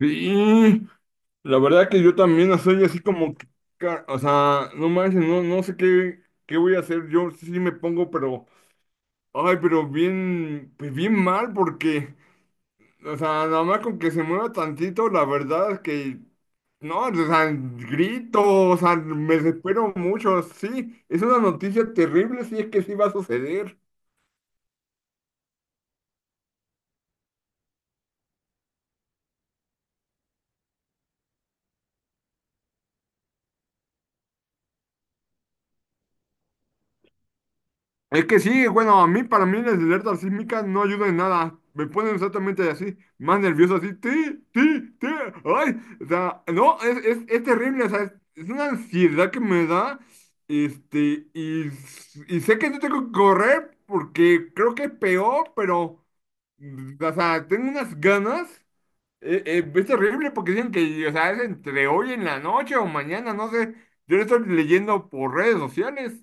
Sí, la verdad que yo también soy así como, que, o sea, no manches, no, no sé qué, qué voy a hacer, yo sí me pongo, pero, ay, pero bien, pues bien mal, porque, o sea, nada más con que se mueva tantito, la verdad es que, no, o sea, grito, o sea, me desespero mucho, sí, es una noticia terrible, si es que sí va a suceder. Es que sí, bueno, a mí, para mí las alertas sísmicas no ayudan en nada. Me ponen exactamente así, más nervioso, así, ti, ti, ti, ay, o sea, no, es terrible, o sea, es una ansiedad que me da, este, y, y sé que no tengo que correr porque creo que es peor, pero, o sea, tengo unas ganas, es terrible porque dicen que, o sea, es entre hoy en la noche o mañana, no sé, yo lo estoy leyendo por redes sociales.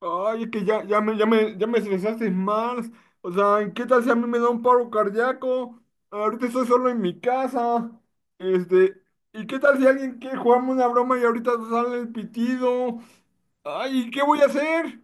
Ay, es que ya, ya me estresaste más. O sea, ¿qué tal si a mí me da un paro cardíaco? Ahorita estoy solo en mi casa. Este, ¿y qué tal si alguien quiere jugarme una broma y ahorita sale el pitido? Ay, ¿qué voy a hacer?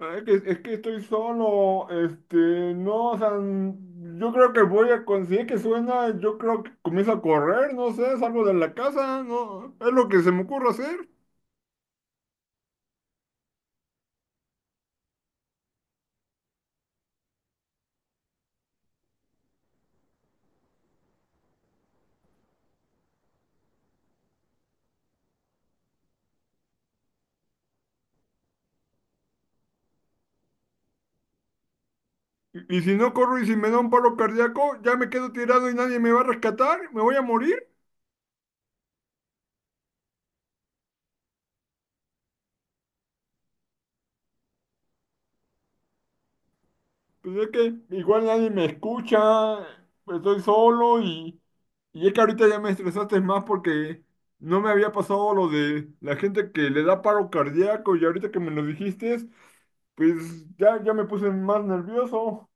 Ay, es que estoy solo. Este, no, o sea, yo creo que voy a conseguir que suena. Yo creo que comienzo a correr, no sé, salgo de la casa, no, es lo que se me ocurre hacer. Y si no corro y si me da un paro cardíaco, ya me quedo tirado y nadie me va a rescatar, me voy a morir. Pues es que igual nadie me escucha, estoy solo y es que ahorita ya me estresaste más porque no me había pasado lo de la gente que le da paro cardíaco y ahorita que me lo dijiste, pues ya, ya me puse más nervioso.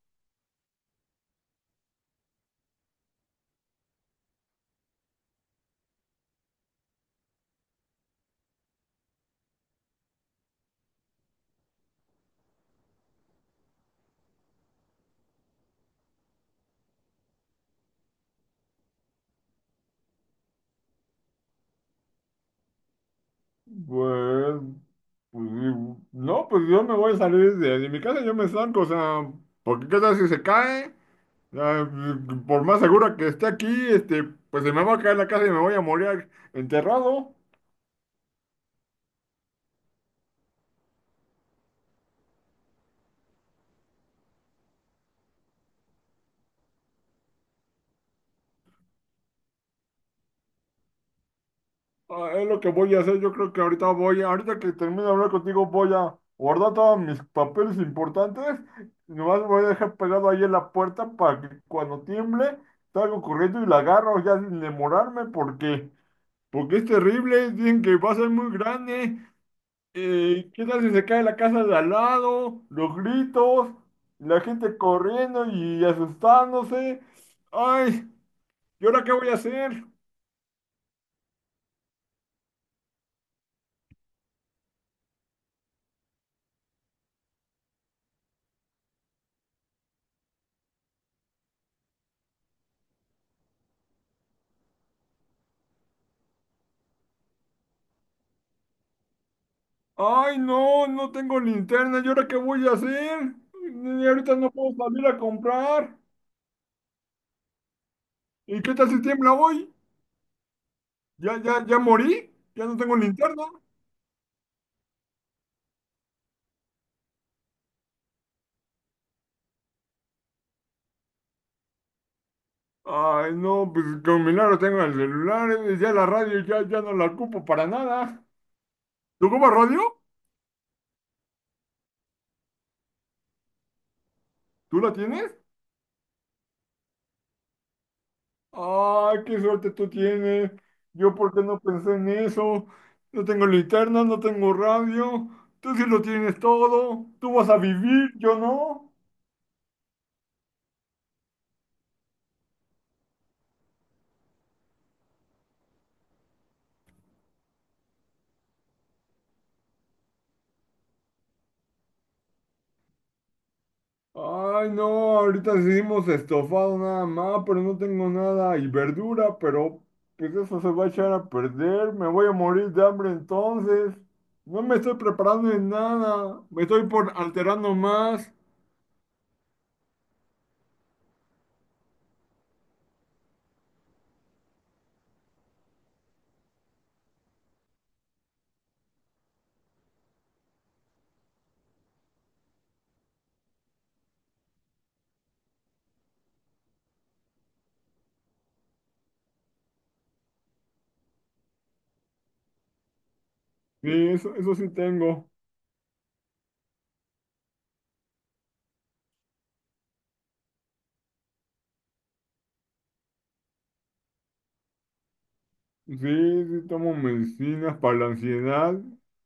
Pues, pues, no, pues yo me voy a salir de mi casa, yo me zanco, o sea, porque ¿qué tal si se cae? Ah, por más segura que esté aquí, este, pues se me va a caer la casa y me voy a morir enterrado. Ah, es lo que voy a hacer. Yo creo que ahorita voy, ahorita que termine de hablar contigo, voy a guardar todos mis papeles importantes. Nomás me voy a dejar pegado ahí en la puerta para que cuando tiemble salgo corriendo y la agarro ya sin demorarme porque, porque es terrible. Dicen que va a ser muy grande. ¿Qué tal si se cae la casa de al lado? Los gritos, la gente corriendo y asustándose. Ay, ¿y ahora qué voy a hacer? Ay, no, no tengo linterna. ¿Y ahora qué voy a hacer? Y ahorita no puedo salir a comprar. ¿Y qué tal si tiembla hoy? Ya morí? ¿Ya no tengo linterna? Ay, no, pues con milagro tengo el celular. Eh, ya la radio ya no la ocupo para nada. ¿Tú ocupas radio? ¿Tú la tienes? Ah, qué suerte tú tienes. Yo, ¿por qué no pensé en eso? No tengo linterna, no tengo radio. Tú sí lo tienes todo. Tú vas a vivir, yo no. Ay, no, ahorita hicimos estofado nada más, pero no tengo nada. Y verdura, pero pues eso se va a echar a perder. Me voy a morir de hambre entonces. No me estoy preparando en nada. Me estoy por alterando más. Sí, eso sí tengo. Sí, sí tomo medicinas para la ansiedad,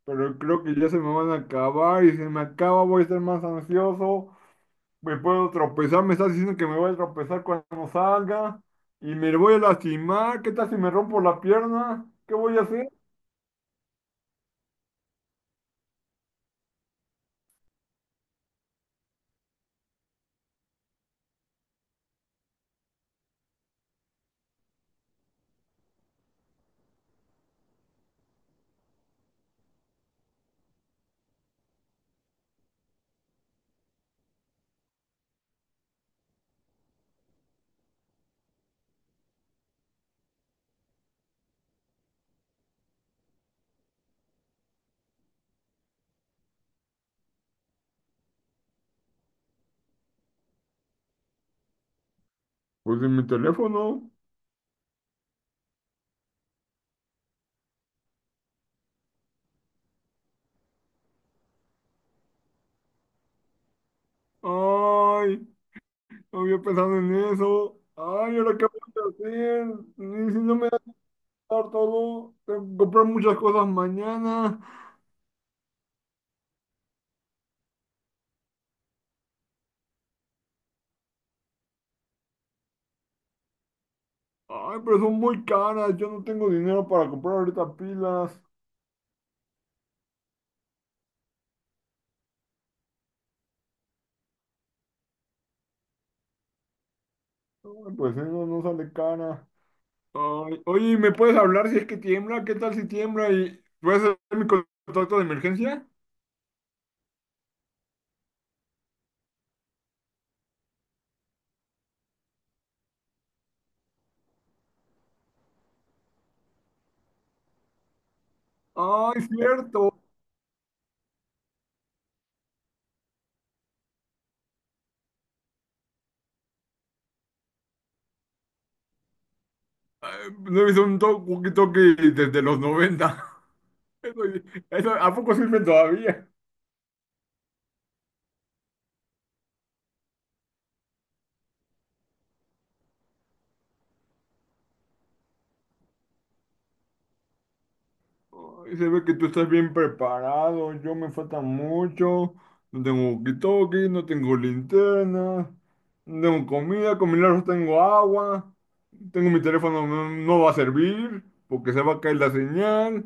pero creo que ya se me van a acabar y si me acaba voy a estar más ansioso, me puedo tropezar, me estás diciendo que me voy a tropezar cuando salga y me voy a lastimar, ¿qué tal si me rompo la pierna? ¿Qué voy a hacer? Pues en mi teléfono. Ay, no había pensado en eso. Ay, ¿ahora qué voy a hacer? Y si no me da todo, tengo que comprar muchas cosas mañana. Ay, pero son muy caras. Yo no tengo dinero para comprar ahorita pilas. Ay, pues eso no sale cara. Ay, oye, ¿me puedes hablar si es que tiembla? ¿Qué tal si tiembla? ¿Y puedes hacer mi contacto de emergencia? Ay, cierto. Ay, no es un toque desde los 90s. Eso, eso, ¿a poco sirven todavía? Ay, se ve que tú estás bien preparado, yo me falta mucho, no tengo walkie-talkie, no tengo linterna, no tengo comida, con milagros tengo agua, tengo mi teléfono, no, no va a servir porque se va a caer la señal,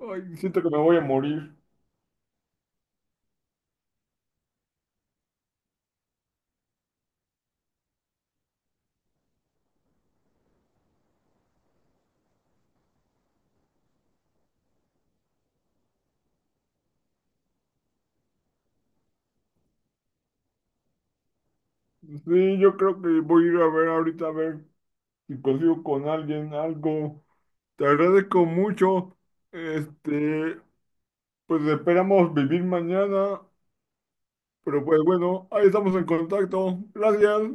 ay, siento que me voy a morir. Sí, yo creo que voy a ir a ver ahorita a ver si consigo con alguien algo. Te agradezco mucho, este, pues esperamos vivir mañana. Pero pues bueno, ahí estamos en contacto. Gracias.